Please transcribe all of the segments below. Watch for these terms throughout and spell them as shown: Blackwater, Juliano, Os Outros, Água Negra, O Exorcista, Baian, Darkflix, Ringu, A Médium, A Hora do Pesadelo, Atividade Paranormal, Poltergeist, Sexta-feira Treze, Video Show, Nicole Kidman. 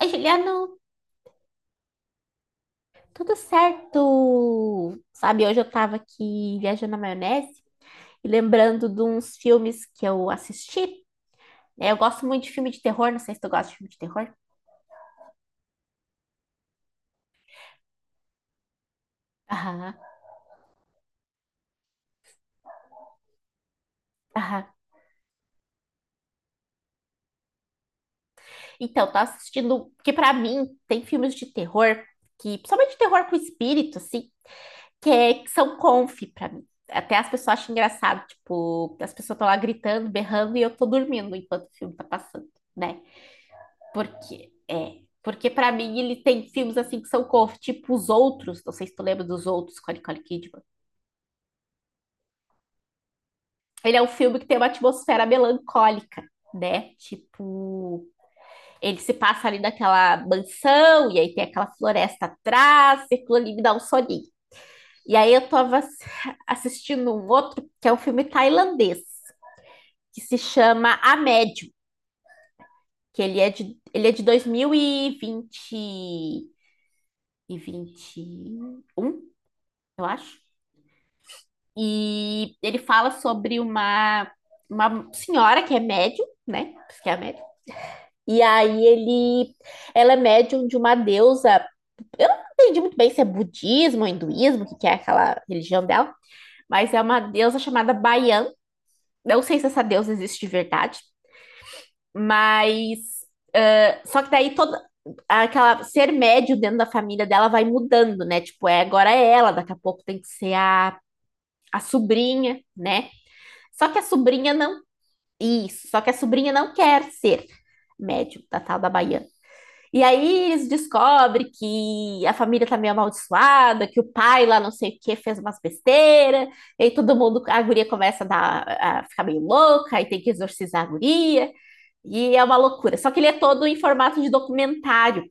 Aí, Juliano, tudo certo? Sabe, hoje eu tava aqui viajando na maionese e lembrando de uns filmes que eu assisti, né? Eu gosto muito de filme de terror, não sei se tu gosta de filme de terror. Aham, aham. Então, tô assistindo, que pra mim tem filmes de terror, que principalmente terror com espírito, assim, que são conf pra mim. Até as pessoas acham engraçado, tipo, as pessoas estão lá gritando, berrando e eu tô dormindo enquanto o filme tá passando, né? Porque para mim ele tem filmes assim que são cofre, tipo Os Outros, não sei se tu lembra dos Outros, com a Nicole Kidman. Ele é um filme que tem uma atmosfera melancólica, né? Tipo, ele se passa ali naquela mansão e aí tem aquela floresta atrás, e aquilo ali me dá um soninho. E aí eu tava ass- Assistindo um outro, que é um filme tailandês, que se chama A Médium, que ele é de dois mil e vinte e vinte e um, eu acho. E ele fala sobre uma senhora que é médium, né? Que é médium. E aí ele, ela é médium de uma deusa. Eu não entendi muito bem se é budismo ou hinduísmo, que é aquela religião dela, mas é uma deusa chamada Baian. Não sei se essa deusa existe de verdade, mas só que daí toda aquela ser médio dentro da família dela vai mudando, né? Tipo, é agora é ela, daqui a pouco tem que ser a sobrinha, né? Só que a sobrinha não Isso, só que a sobrinha não quer ser médium da tal da Baiana. E aí eles descobrem que a família tá meio amaldiçoada, que o pai lá não sei o que fez umas besteiras, e aí todo mundo, a guria começa a, dar, a ficar meio louca, aí tem que exorcizar a guria, e é uma loucura. Só que ele é todo em formato de documentário,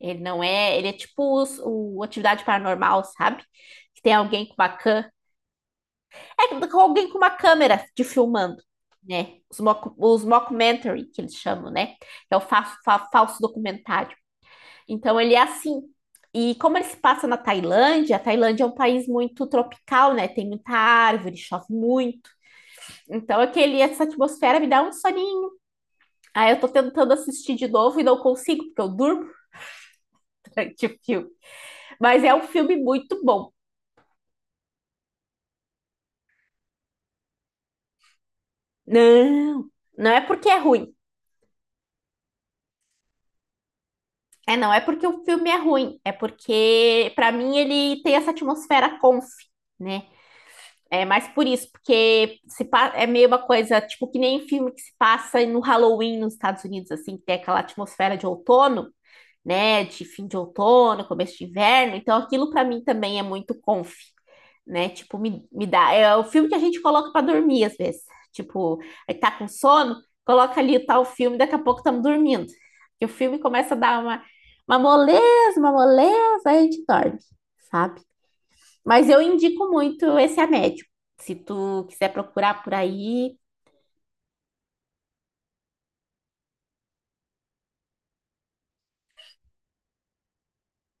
ele não é, ele é tipo o Atividade Paranormal, sabe? Que tem alguém com uma cã É com alguém com uma câmera te filmando, né? Os mockumentary, que eles chamam, né? É o falso documentário. Então, ele é assim. E como ele se passa na Tailândia, a Tailândia é um país muito tropical, né? Tem muita árvore, chove muito. Então, essa atmosfera me dá um soninho. Aí eu tô tentando assistir de novo e não consigo, porque eu durmo durante o filme. Mas é um filme muito bom. Não, não é porque é ruim. É, não é porque o filme é ruim, é porque, pra mim, ele tem essa atmosfera conf, né? É mais por isso, porque se pa- é meio uma coisa, tipo, que nem filme que se passa no Halloween nos Estados Unidos, assim, que tem aquela atmosfera de outono, né, de fim de outono, começo de inverno. Então, aquilo para mim também é muito comfy, né? Tipo, me dá. É o filme que a gente coloca para dormir às vezes. Tipo, aí tá com sono, coloca ali o tal filme, daqui a pouco estamos dormindo. E o filme começa a dar uma moleza, aí a gente dorme, sabe? Mas eu indico muito esse A Médium. Se tu quiser procurar por aí,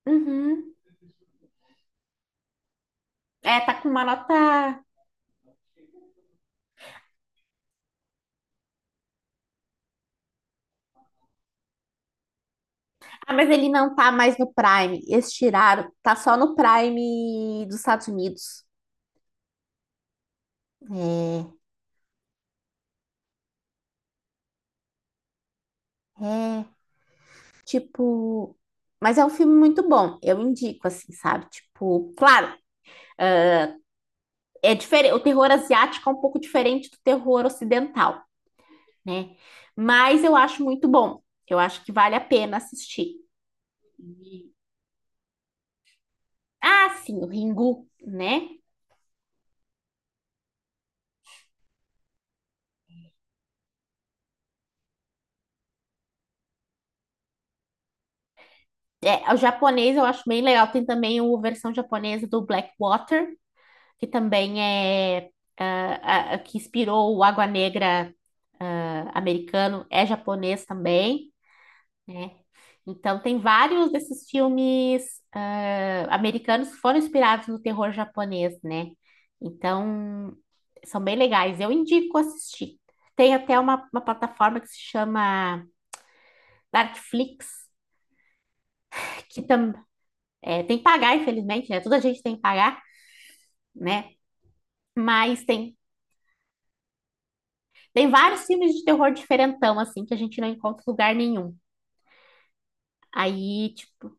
uhum. É, tá com uma nota. Ah, mas ele não tá mais no Prime. Eles tiraram. Tá só no Prime dos Estados Unidos. É, é. Tipo. Mas é um filme muito bom. Eu indico, assim, sabe? Tipo, claro, é diferente. O terror asiático é um pouco diferente do terror ocidental, né? Mas eu acho muito bom. Eu acho que vale a pena assistir. E- Ah, sim, o Ringu, né? É, o japonês eu acho bem legal. Tem também a versão japonesa do Blackwater, que também é que inspirou o Água Negra, ah, americano, é japonês também, né? Então tem vários desses filmes ah, americanos que foram inspirados no terror japonês, né? Então são bem legais, eu indico assistir. Tem até uma plataforma que se chama Darkflix, que tam, é, tem que pagar, infelizmente, né? Toda gente tem que pagar, né? Mas tem. Tem vários filmes de terror diferentão, assim, que a gente não encontra em lugar nenhum. Aí, tipo,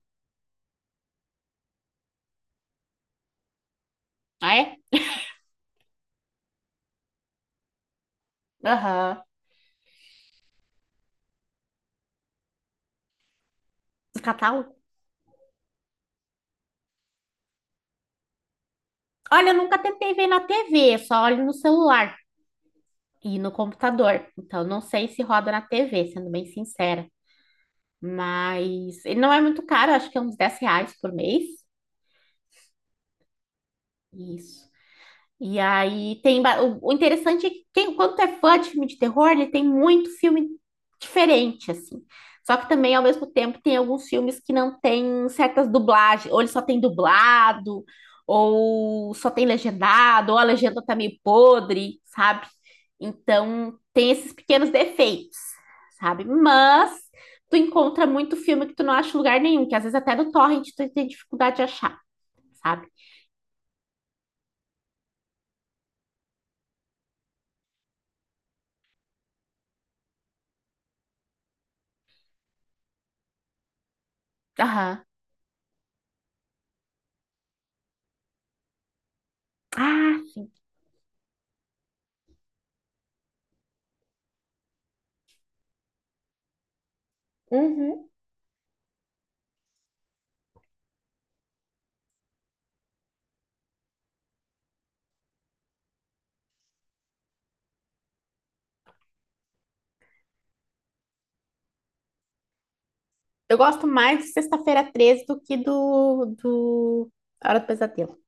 ah, é? Aham. No catálogo? Olha, eu nunca tentei ver na TV, só olho no celular e no computador. Então, não sei se roda na TV, sendo bem sincera. Mas ele não é muito caro, acho que é uns R$ 10 por mês. Isso. E aí tem. O interessante é que quem, quando tu é fã de filme de terror, ele tem muito filme diferente, assim. Só que também, ao mesmo tempo, tem alguns filmes que não tem certas dublagens, ou ele só tem dublado, ou só tem legendado, ou a legenda tá meio podre, sabe? Então tem esses pequenos defeitos, sabe? Mas tu encontra muito filme que tu não acha em lugar nenhum, que às vezes até no torrent tu tem dificuldade de achar, sabe? Aham. Ah, sim. Uhum. Eu gosto mais de Sexta-feira Treze do que do, do A Hora do Pesadelo.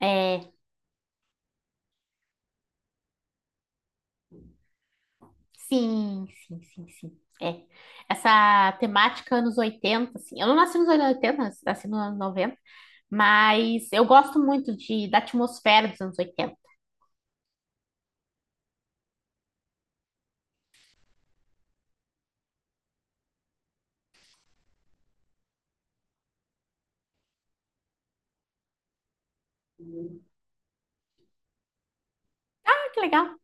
É, sim, sim, sim, sim. É. Essa temática anos 80, assim. Eu não nasci nos anos 80, nasci nos anos 90, mas eu gosto muito de, da atmosfera dos anos oitenta. Ah, que legal.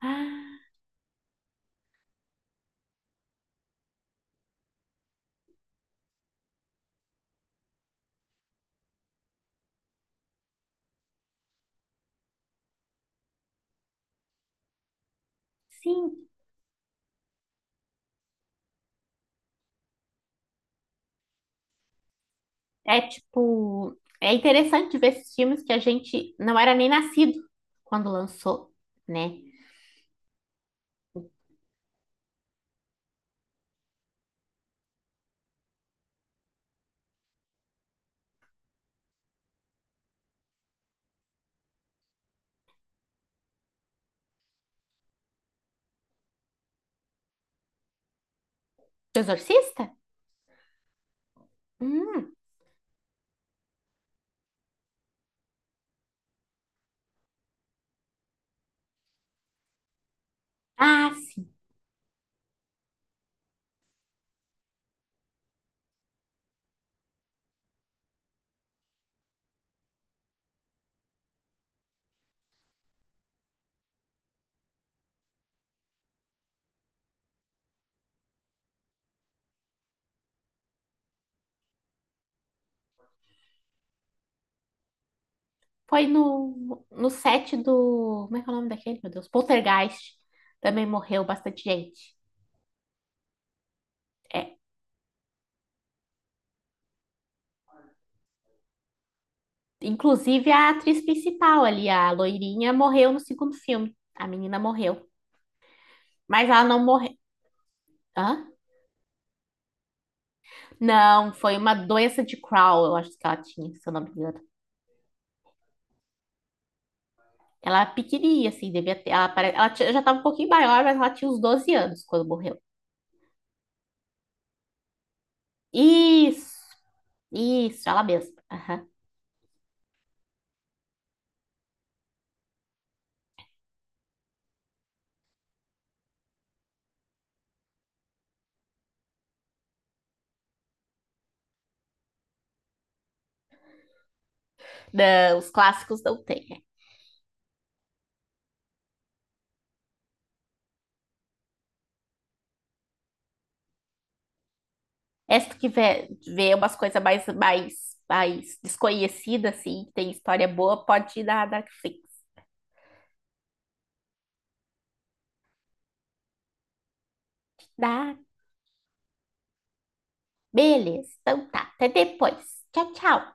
Ah, sim. É tipo, é interessante ver esses filmes que a gente não era nem nascido quando lançou, né? O Exorcista? Hum. Ah, sim. Foi no, no set do. Como é que é o nome daquele, meu Deus? Poltergeist. Também morreu bastante gente. É, inclusive a atriz principal ali, a loirinha, morreu no segundo filme. A menina morreu. Mas ela não morreu. Hã? Não, foi uma doença de Crohn, eu acho que ela tinha, se eu não me engano. Ela é pequenininha, assim, devia ter. Ela, pare- ela tinha- já estava um pouquinho maior, mas ela tinha uns 12 anos quando morreu. Isso, isso, ela mesma. Aham. Não, os clássicos não tem. Essa que vê, umas coisas mais, mais, mais desconhecidas, assim, que tem história boa, pode ir na Netflix. Tá? Beleza, então tá. Até depois. Tchau, tchau.